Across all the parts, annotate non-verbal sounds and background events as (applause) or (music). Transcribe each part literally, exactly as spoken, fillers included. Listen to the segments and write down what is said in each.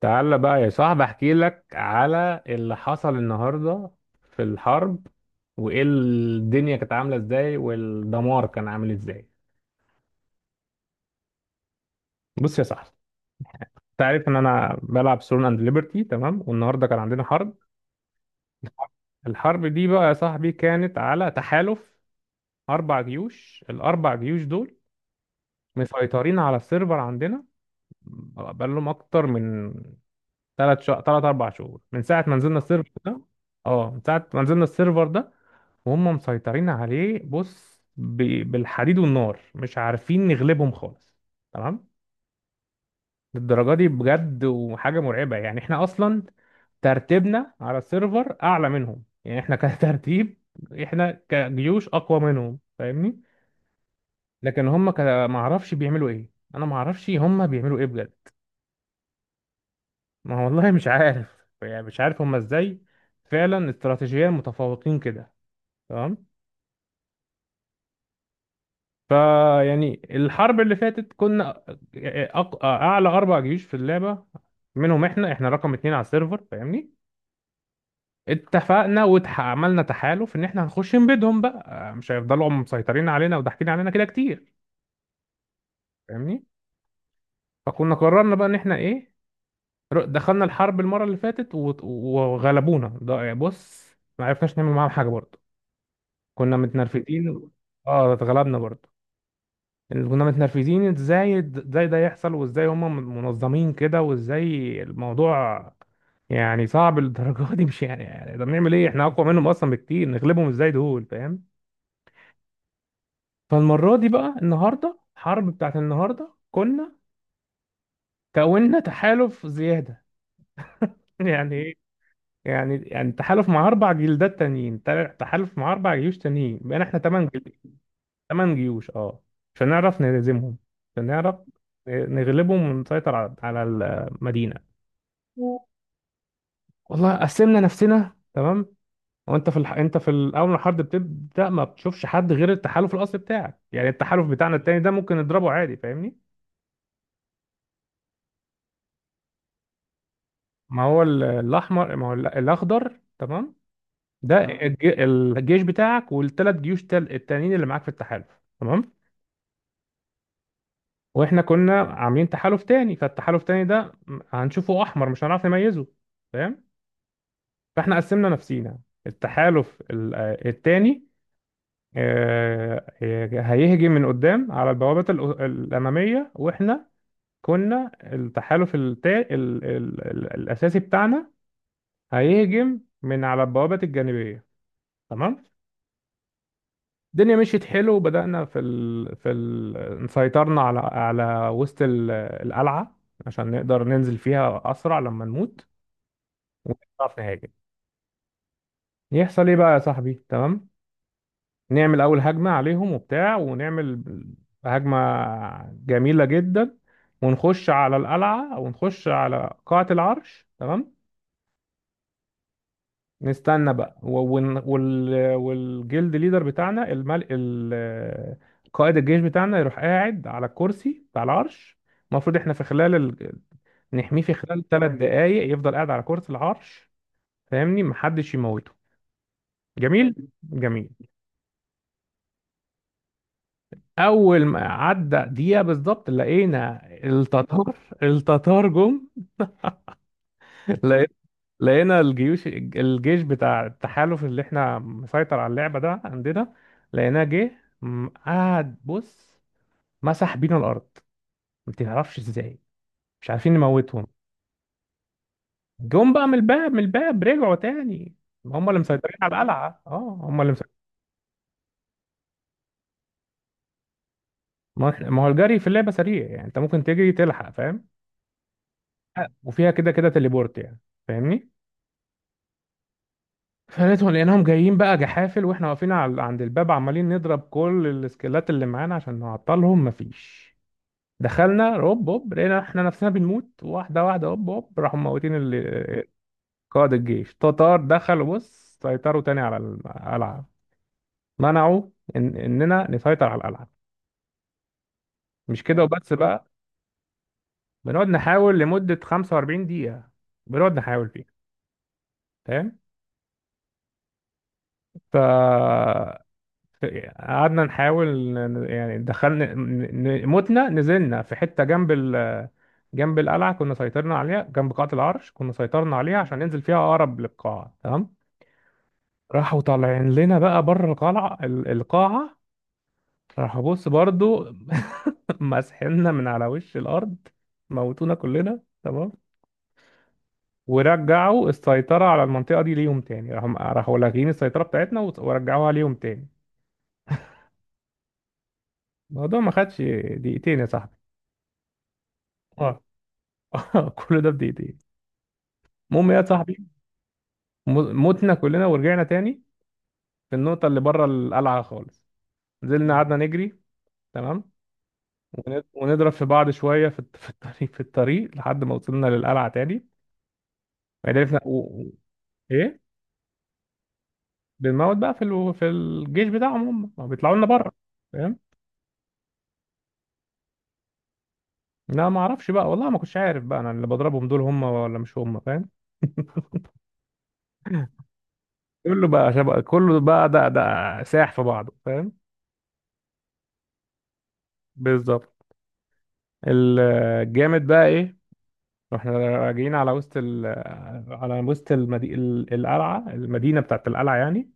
تعالى بقى يا صاحبي، احكي لك على اللي حصل النهارده في الحرب، وايه الدنيا كانت عامله ازاي والدمار كان عامل ازاي. بص يا صاحبي، انت عارف ان انا بلعب سون اند ليبرتي، تمام؟ والنهارده كان عندنا حرب. الحرب دي بقى يا صاحبي كانت على تحالف اربع جيوش. الاربع جيوش دول مسيطرين على السيرفر عندنا بقالهم اكتر من ثلاث شهور، ثلاث اربع شهور، من ساعه ما نزلنا السيرفر ده. اه، من ساعه ما نزلنا السيرفر ده وهم مسيطرين عليه. بص، ب- بالحديد والنار، مش عارفين نغلبهم خالص، تمام؟ للدرجة دي بجد، وحاجة مرعبة. يعني احنا اصلا ترتيبنا على السيرفر اعلى منهم، يعني احنا (laughs) كترتيب، احنا كجيوش اقوى منهم، فاهمني؟ لكن هم ك... ما اعرفش بيعملوا ايه. انا ما اعرفش هم بيعملوا ايه بجد. ما والله مش عارف. يعني مش عارف هم ازاي فعلا استراتيجيا متفوقين كده، تمام. فيعني الحرب اللي فاتت كنا أق- اعلى اربع جيوش في اللعبه، منهم احنا احنا رقم اتنين على السيرفر، فاهمني؟ اتفقنا وعملنا تحالف ان احنا هنخش نبيدهم بقى، مش هيفضلوا هم مسيطرين علينا وضاحكين علينا كده كتير، فاهمني؟ فكنا قررنا بقى ان احنا ايه، ر- دخلنا الحرب المره اللي فاتت و- وغلبونا. ده بص، ما عرفناش نعمل معاهم حاجه برضه، كنا متنرفزين. اه، اتغلبنا برضه. اللي كنا متنرفزين ازاي ازاي ده يحصل، وازاي هم منظمين كده، وازاي الموضوع يعني صعب للدرجه دي. مش يعني، يعني ده بنعمل ايه؟ احنا اقوى منهم اصلا بكتير، نغلبهم ازاي دول؟ فاهم؟ فالمره دي بقى النهارده، الحرب بتاعت النهارده كنا كوننا تحالف زياده. (laughs) يعني ايه؟ يعني يعني تحالف مع اربع جلدات تانيين، تل- تحالف مع اربع جيوش تانيين، بقينا احنا تمن جل... تمن جيوش، اه، عشان نعرف نهزمهم، عشان نعرف نغلبهم ونسيطر على على المدينه. والله قسمنا نفسنا، تمام. وانت في الح... انت في الاول ما الحرب بتبدا ما بتشوفش حد غير التحالف الاصلي بتاعك، يعني التحالف بتاعنا التاني ده ممكن نضربه عادي، فاهمني؟ ما هو ال- الاحمر ما هو ال- الاخضر تمام. ده، اه، الج- الجيش بتاعك والثلاث جيوش تل... التانيين اللي معاك في التحالف، تمام. واحنا كنا عاملين تحالف تاني، فالتحالف التاني ده م- هنشوفه احمر، مش هنعرف نميزه، فاهم؟ فاحنا قسمنا نفسينا. التحالف ال- آه، التاني آه، آه، هيهجم من قدام على البوابة الأ- الأمامية، وإحنا كنا التحالف التا... ال... ال... ال... الأساسي بتاعنا هيهجم من على البوابة الجانبية، تمام. الدنيا مشيت حلو، وبدأنا في ال... في ال... سيطرنا على على وسط ال... القلعة، عشان نقدر ننزل فيها أسرع لما نموت ونعرف نهاجم. يحصل إيه بقى يا صاحبي؟ تمام، نعمل اول هجمه عليهم وبتاع، ونعمل هجمه جميله جدا، ونخش على القلعه ونخش على قاعه العرش، تمام. نستنى بقى و- ون- وال... والجلد ليدر بتاعنا، المل... ال... قائد الجيش بتاعنا، يروح قاعد على الكرسي بتاع العرش. المفروض احنا في خلال ال... نحميه في خلال ثلاث دقائق يفضل قاعد على كرسي العرش، فاهمني؟ محدش يموته. جميل جميل. اول ما عدى دقيقه بالظبط، لقينا التتار. التتار جم. لقي- لقينا الجيوش الجيش بتاع التحالف اللي احنا مسيطر على اللعبه ده عندنا، لقيناه جه. م- قعد بص، مسح بينا الارض، ما تعرفش ازاي، مش عارفين نموتهم. جم بقى من الباب، من الباب رجعوا تاني. هم اللي مسيطرين على القلعه، اه، هم اللي مسيطرين. ما إحنا- ما هو الجري في اللعبه سريع، يعني انت ممكن تجري تلحق، فاهم؟ وفيها كده كده تليبورت يعني، فاهمني؟ فلقيتهم لقيناهم جايين بقى جحافل، واحنا واقفين على- عند الباب، عمالين نضرب كل السكيلات اللي معانا عشان نعطلهم، مفيش. دخلنا هوب هوب، لقينا احنا نفسنا بنموت واحده واحده، هوب هوب راحوا موتين ال- قائد الجيش. تتار دخلوا بص، سيطروا تاني على القلعه، منعوا إن اننا نسيطر على القلعه. مش كده وبس بقى. بنقعد نحاول لمده خمسة وأربعين دقيقة دقيقه، بنقعد نحاول فيها، فاهم؟ ف قعدنا نحاول، ن- يعني دخلنا ن- ن- متنا. نزلنا في حتة جنب ال جنب القلعة كنا سيطرنا عليها، جنب قاعة العرش كنا سيطرنا عليها عشان ننزل فيها أقرب للقاعة، تمام. راحوا طالعين لنا بقى بره القلعة ال- القاعة. راحوا بص برضو (laughs) مسحنا من على وش الأرض، موتونا كلنا، تمام. ورجعوا السيطرة على المنطقة دي ليهم تاني. راحوا راحوا لاغين السيطرة بتاعتنا ورجعوها ليهم تاني. الموضوع ما خدش دقيقتين يا صاحبي. (laughs) كل ده بإيديه. المهم يا صاحبي، م- متنا كلنا ورجعنا تاني في النقطة اللي بره القلعة خالص، نزلنا قعدنا نجري، تمام. ون- ونضرب في بعض شوية في الط- في الطريق، في الطريق لحد ما وصلنا للقلعة تاني. بعدين عرفنا و... و- إيه، بنموت بقى في ال... في الجيش بتاعهم، هم ما بيطلعوا لنا بره، فاهم؟ لا، ما اعرفش بقى والله، ما كنتش عارف بقى انا اللي بضربهم دول هم ولا مش هم، فاهم؟ كله بقى شبه، كله بقى ده ده ساح في بعضه، فاهم؟ بالظبط. الجامد بقى ايه؟ رحنا راجعين على وسط ال... على وسط المدي... ال- القلعة، المدينة بتاعت القلعة يعني،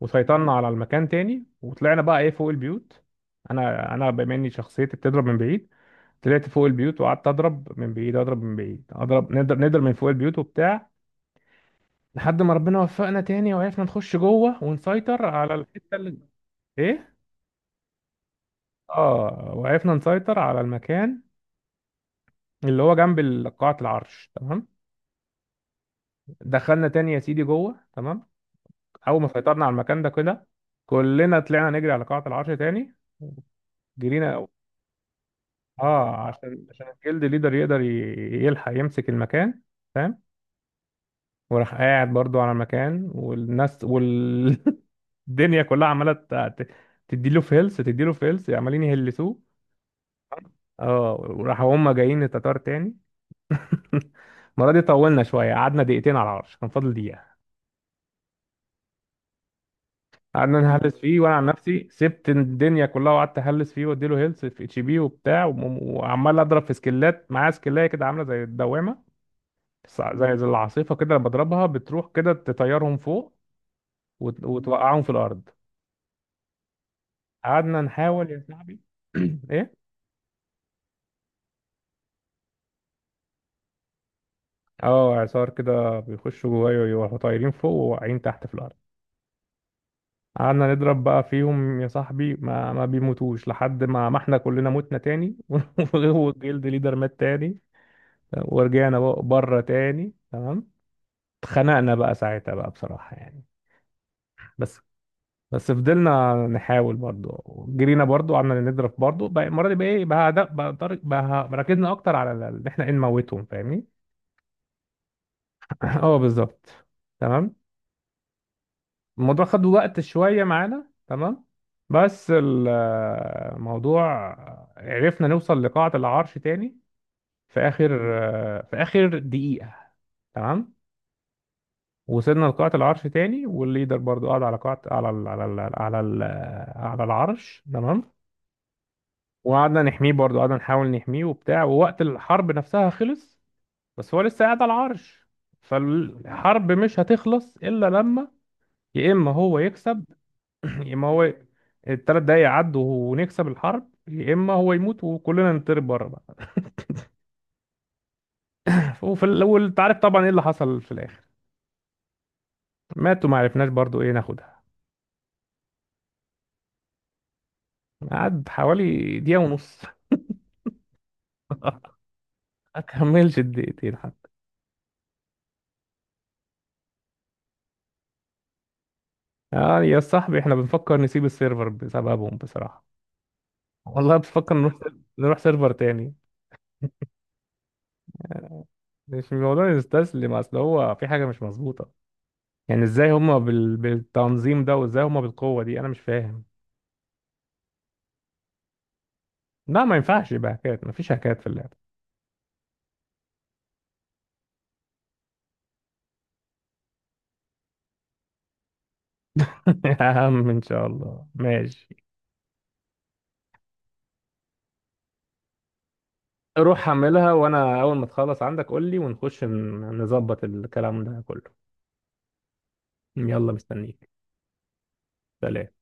وسيطرنا على المكان تاني، وطلعنا بقى ايه فوق البيوت. انا انا بما اني شخصيتي بتضرب من بعيد، طلعت فوق البيوت وقعدت اضرب من بعيد، اضرب من بعيد، اضرب، نقدر نقدر من فوق البيوت وبتاع. لحد ما ربنا وفقنا تاني وعرفنا نخش جوه ونسيطر على الحتة اللي ايه، اه، وعرفنا نسيطر على المكان اللي هو جنب ال- قاعة العرش، تمام. دخلنا تاني يا سيدي جوه، تمام. اول ما سيطرنا على المكان ده كده، كلنا طلعنا نجري على قاعة العرش تاني. جرينا، اه، عشان عشان الجلد ليدر يقدر ي- يلحق يمسك المكان، فاهم؟ وراح قاعد برضو على المكان، والناس والدنيا (laughs) كلها عماله ت- ت- تديله في هيلث، تديله في هيلث، عمالين يهلسوه. اه وراحوا هم جايين التتار تاني. (laughs) المره دي طولنا شويه، قعدنا دقيقتين على العرش، كان فاضل دقيقه. قعدنا نهلس فيه، وانا عن نفسي سبت الدنيا كلها وقعدت اهلس فيه واديله هيلث في اتش بي وبتاع، وم- وعمال اضرب في سكلات، معاه سكلايه كده عامله زي الدوامه. سع- زي زي العاصفه كده لما بضربها بتروح كده تطيرهم فوق وت- وتوقعهم في الارض. قعدنا نحاول يا صاحبي. (clears throat) ايه، اه، اعصار كده بيخشوا جوايا ويروحوا طايرين فوق وواقعين تحت في الارض. قعدنا نضرب بقى فيهم يا صاحبي، ما ما بيموتوش لحد ما ما احنا كلنا متنا تاني. (laughs) والجلد ليدر مات تاني، ورجعنا بقى بره تاني، تمام. اتخنقنا بقى ساعتها بقى بصراحة يعني. بس بس فضلنا نحاول برضو، جرينا برضو، قعدنا نضرب برضو بقى. المرة دي بقى ايه بقى ده- بقى طارق- بقى ركزنا اكتر على ال- ان احنا ايه نموتهم، فاهمني؟ (laughs) اه، بالظبط، تمام. الموضوع خد وقت شوية معانا، تمام. بس ال- الموضوع، عرفنا نوصل لقاعة العرش تاني، في اخر، في اخر دقيقة، تمام. وصلنا لقاعة العرش تاني، والليدر برضو قعد على قاعة على ال... على ال... على ال... على العرش، تمام. وقعدنا نحميه برضو، قعدنا نحاول نحميه وبتاع، ووقت الحرب نفسها خلص، بس هو لسه قاعد على العرش، فالحرب مش هتخلص إلا لما يا إما هو يكسب (clears throat) يا إما هو التلات دقايق يعدوا ونكسب الحرب، يا إما هو يموت وكلنا نضرب بره بقى. (clears throat) وفي الأول أنت عارف طبعا إيه اللي حصل في الآخر. ماتوا، ما عرفناش برضو إيه ناخدها. قعد حوالي دقيقة ونص. (laughs) ما كملش الدقيقتين حتى. اه يا صاحبي، احنا بنفكر نسيب السيرفر بسببهم بصراحة. والله بتفكر نروح نروح سيرفر تاني. مش الموضوع يستسلم، اصل هو في حاجة مش مظبوطة. يعني ازاي هما بال... بالتنظيم ده، وازاي هما بالقوة دي، انا مش فاهم. لا، ما ينفعش يبقى هكات، مفيش هكات في اللعبة. (laughs) يا عم، ان شاء الله، ماشي. روح حملها، وانا اول ما تخلص عندك قول لي ونخش ن- نظبط الكلام ده كله. يلا مستنيك. سلام.